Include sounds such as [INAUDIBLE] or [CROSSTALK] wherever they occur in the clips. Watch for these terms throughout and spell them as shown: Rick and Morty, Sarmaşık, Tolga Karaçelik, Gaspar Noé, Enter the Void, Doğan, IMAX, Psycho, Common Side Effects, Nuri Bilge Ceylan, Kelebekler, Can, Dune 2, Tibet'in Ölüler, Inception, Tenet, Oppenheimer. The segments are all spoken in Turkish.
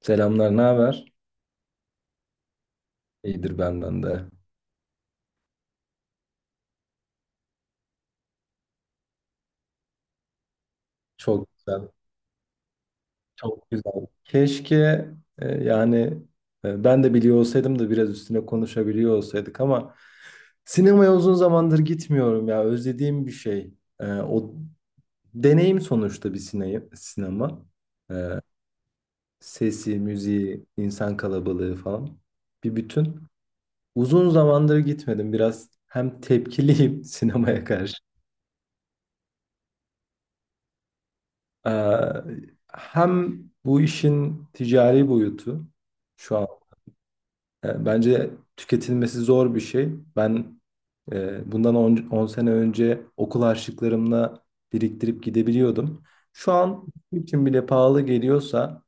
Selamlar, ne haber? İyidir benden de. Çok güzel, çok güzel. Keşke yani ben de biliyor olsaydım da biraz üstüne konuşabiliyor olsaydık ama sinemaya uzun zamandır gitmiyorum ya. Özlediğim bir şey. O deneyim sonuçta bir sinema, sinema. Sesi, müziği, insan kalabalığı falan bir bütün. Uzun zamandır gitmedim. Biraz hem tepkiliyim [LAUGHS] sinemaya karşı. Ee, Hem bu işin ticari boyutu şu an bence tüketilmesi zor bir şey. Ben bundan 10 sene önce okul harçlıklarımla biriktirip gidebiliyordum. Şu an bizim için bile pahalı geliyorsa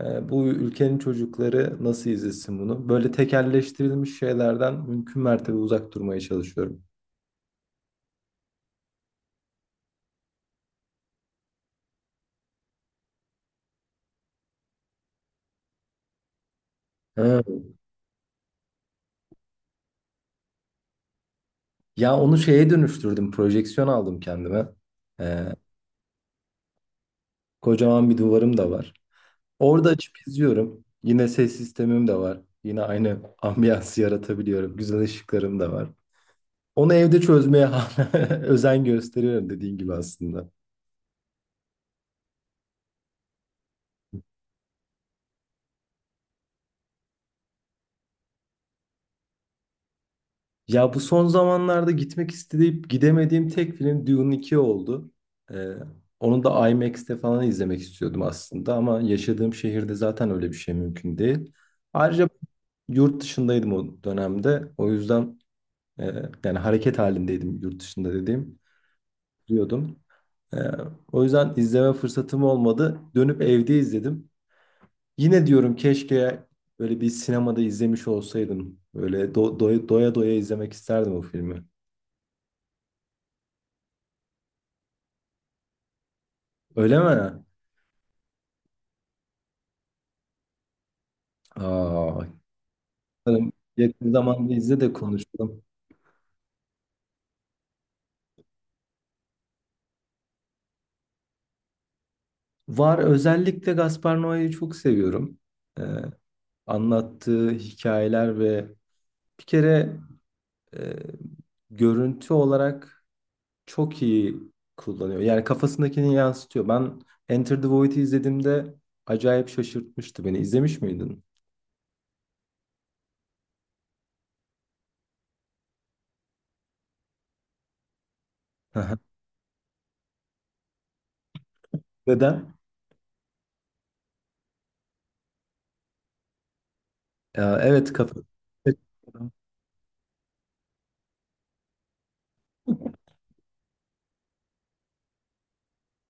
bu ülkenin çocukları nasıl izlesin bunu? Böyle tekelleştirilmiş şeylerden mümkün mertebe uzak durmaya çalışıyorum. Evet. Ya onu şeye dönüştürdüm. Projeksiyon aldım kendime. Ee, kocaman bir duvarım da var. Orada açıp izliyorum. Yine ses sistemim de var. Yine aynı ambiyansı yaratabiliyorum. Güzel ışıklarım da var. Onu evde çözmeye [LAUGHS] hala özen gösteriyorum dediğin gibi aslında. Ya bu son zamanlarda gitmek isteyip gidemediğim tek film Dune 2 oldu. Ee, onu da IMAX'te falan izlemek istiyordum aslında ama yaşadığım şehirde zaten öyle bir şey mümkün değil. Ayrıca yurt dışındaydım o dönemde. O yüzden e, yani hareket halindeydim yurt dışında dediğim diyordum. Ee, o yüzden izleme fırsatım olmadı. Dönüp evde izledim. Yine diyorum keşke böyle bir sinemada izlemiş olsaydım. Böyle doya doya izlemek isterdim o filmi. Öyle mi? Aa, bakalım yakın zamanda izle de konuşalım. Var, özellikle Gaspar Noé'yi çok seviyorum. Ee, Anlattığı hikayeler ve bir kere e, görüntü olarak çok iyi kullanıyor. Yani kafasındakini yansıtıyor. Ben Enter the Void'i izlediğimde acayip şaşırtmıştı beni. İzlemiş miydin? Aha. Neden? Ya, evet, kafa.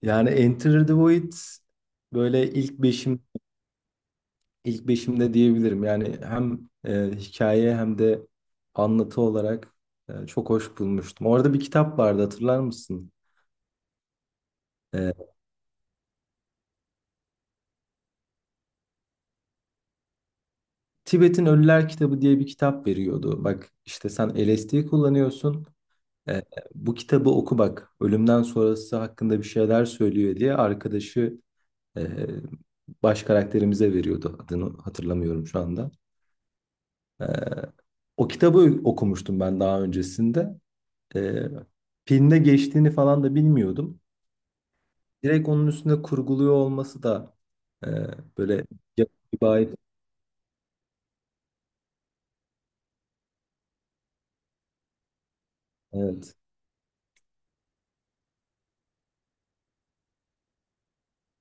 Yani Enter the Void böyle ilk beşimde diyebilirim. Yani hem hikaye hem de anlatı olarak çok hoş bulmuştum. Orada bir kitap vardı, hatırlar mısın? E, Tibet'in Ölüler kitabı diye bir kitap veriyordu. Bak işte, sen LSD kullanıyorsun. E, bu kitabı oku bak. Ölümden sonrası hakkında bir şeyler söylüyor diye arkadaşı e, baş karakterimize veriyordu. Adını hatırlamıyorum şu anda. E, o kitabı okumuştum ben daha öncesinde. E, filmde geçtiğini falan da bilmiyordum. Direkt onun üstünde kurguluyor olması da e, böyle yapıcı bir ait. Evet.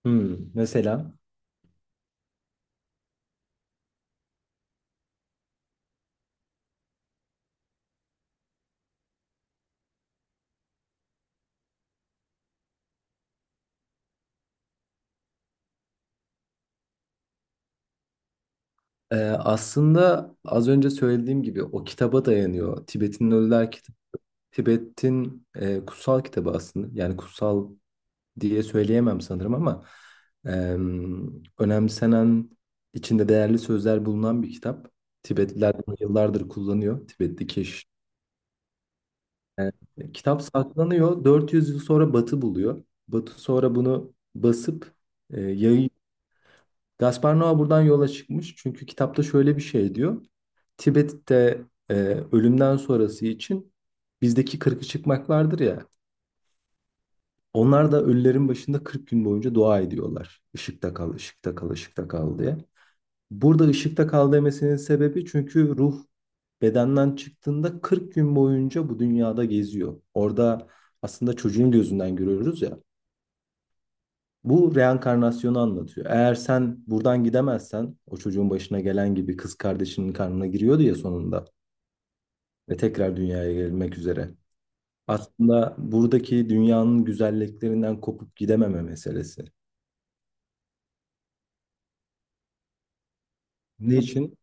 Mesela aslında az önce söylediğim gibi o kitaba dayanıyor. Tibet'in Ölüler kitabı, Tibet'in kutsal kitabı aslında. Yani kutsal diye söyleyemem sanırım ama önemsenen, içinde değerli sözler bulunan bir kitap. Tibetliler bunu yıllardır kullanıyor. Tibetli keş. Kitap saklanıyor. 400 yıl sonra Batı buluyor. Batı sonra bunu basıp yayıyor. Gaspar Noa buradan yola çıkmış. Çünkü kitapta şöyle bir şey diyor. Tibet'te e, ölümden sonrası için bizdeki kırkı çıkmaklardır ya. Onlar da ölülerin başında 40 gün boyunca dua ediyorlar. Işıkta kal, ışıkta kal, ışıkta kal diye. Burada ışıkta kal demesinin sebebi çünkü ruh bedenden çıktığında 40 gün boyunca bu dünyada geziyor. Orada aslında çocuğun gözünden görüyoruz ya. Bu reenkarnasyonu anlatıyor. Eğer sen buradan gidemezsen o çocuğun başına gelen gibi kız kardeşinin karnına giriyordu ya sonunda, ve tekrar dünyaya gelmek üzere. Aslında buradaki dünyanın güzelliklerinden kopup gidememe meselesi. Ne için?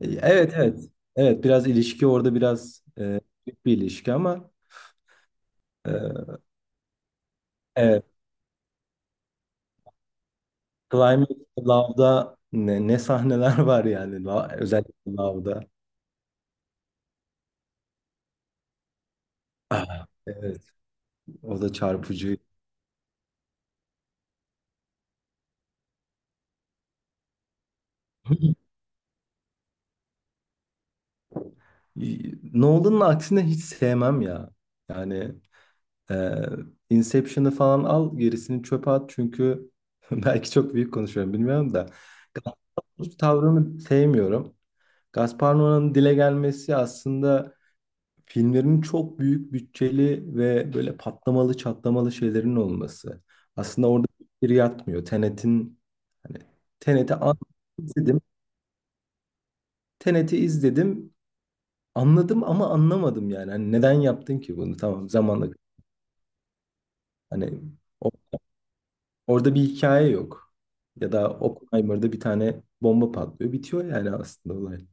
Evet, evet. Evet, biraz ilişki orada biraz büyük bir ilişki ama e, evet. Climate Love'da ne, sahneler [LAUGHS] var yani, özellikle Love'da. Ah, evet, o da çarpıcı. [LAUGHS] Nolan'ın aksine hiç sevmem ya. Yani e, Inception'ı falan al, gerisini çöpe at, çünkü [LAUGHS] belki çok büyük konuşuyorum, bilmiyorum da. Gaspar Noé'nin tavrını sevmiyorum. Gaspar Noé'nin dile gelmesi aslında filmlerin çok büyük bütçeli ve böyle patlamalı çatlamalı şeylerin olması. Aslında orada bir yatmıyor. Tenet'in hani Tenet'i an- izledim. Tenet'i izledim. Anladım ama anlamadım yani. Hani neden yaptın ki bunu? Tamam, zamanla hani o- orada bir hikaye yok. Ya da Oppenheimer'da bir tane bomba patlıyor. Bitiyor yani aslında olay.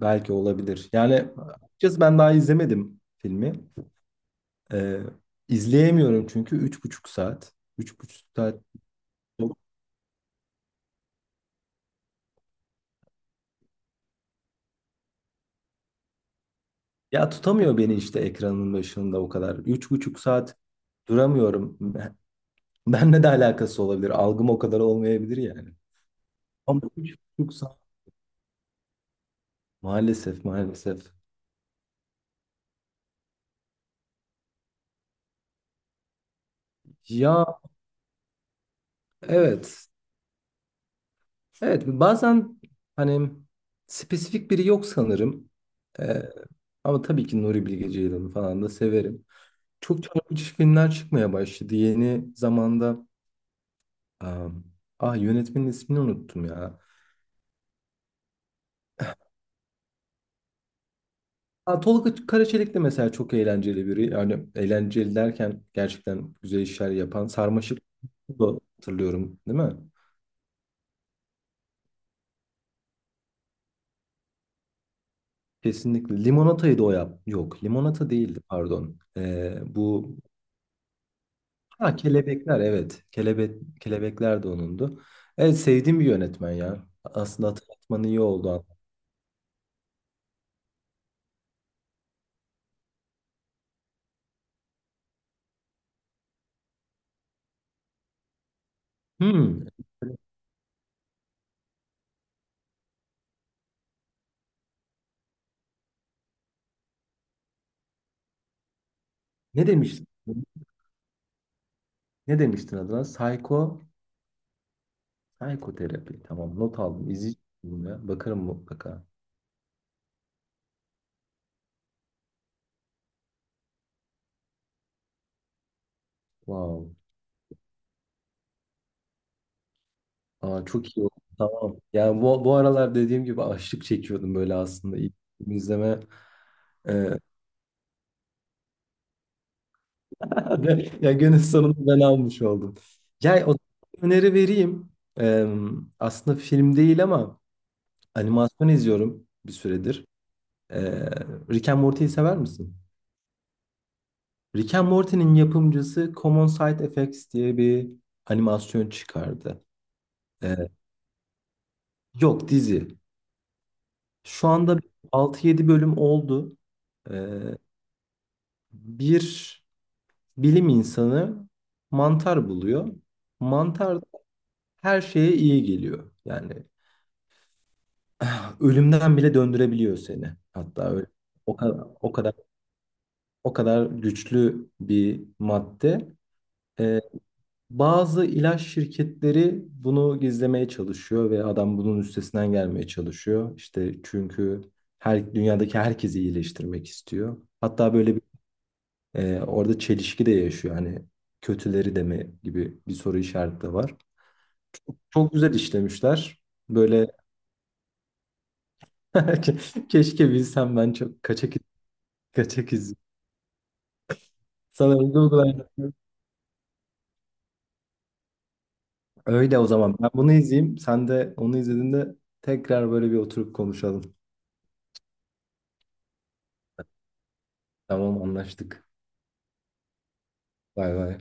Belki olabilir. Yani açıkçası ben daha izlemedim filmi. Ee, izleyemiyorum çünkü 3,5 saat. 3,5 saat. Ya tutamıyor beni işte ekranın başında o kadar. 3,5 saat duramıyorum. [LAUGHS] Benle de alakası olabilir. Algım o kadar olmayabilir yani. Ama 3,5 saat. Maalesef, maalesef. Ya, evet. Evet, bazen hani spesifik biri yok sanırım. Ee, Ama tabii ki Nuri Bilge Ceylan'ı falan da severim. Çok çarpıcı filmler çıkmaya başladı yeni zamanda. Am, ah Yönetmenin ismini unuttum ya. Ha, Tolga Karaçelik de mesela çok eğlenceli biri. Yani eğlenceli derken, gerçekten güzel işler yapan. Sarmaşık da, hatırlıyorum, değil mi? Kesinlikle. Limonata'yı da o yap. Yok, Limonata değildi, pardon. Bu ha, kelebekler, evet. Kelebekler de onundu. Evet, sevdiğim bir yönetmen ya. Aslında hatırlatman iyi oldu. Hmm, ne demiştin? Ne demiştin adına? Psikoterapi. Tamam. Not aldım. İzleyeceğim ya. Bakarım mutlaka. Wow. Aa, çok iyi oldu. Tamam. Yani bu aralar dediğim gibi açlık çekiyordum böyle aslında. İlk film izleme. e, [LAUGHS] ya günün sonunda ben almış oldum. Ya, o öneri vereyim. Ee, Aslında film değil ama animasyon izliyorum bir süredir. Ee, Rick and Morty'yi sever misin? Rick and Morty'nin yapımcısı Common Side Effects diye bir animasyon çıkardı. Ee, Yok, dizi. Şu anda 6-7 bölüm oldu. Ee, Bir bilim insanı mantar buluyor. Mantar her şeye iyi geliyor. Yani [CLEARS THROAT] [SIGHS] ölümden bile döndürebiliyor seni. Hatta öyle. O kadar, o kadar, o kadar güçlü bir madde. Ee, Bazı ilaç şirketleri bunu gizlemeye çalışıyor ve adam bunun üstesinden gelmeye çalışıyor. İşte çünkü her dünyadaki herkesi iyileştirmek istiyor. Hatta böyle. Orada çelişki de yaşıyor. Hani kötüleri de mi gibi bir soru işareti de var. Çok güzel işlemişler. Böyle [LAUGHS] keşke bilsem, ben çok kaçak kaçak izliyorum. Sana öyle uygulayın. Öyle o zaman. Ben bunu izleyeyim. Sen de onu izlediğinde tekrar böyle bir oturup konuşalım. Tamam, anlaştık. Bay bay.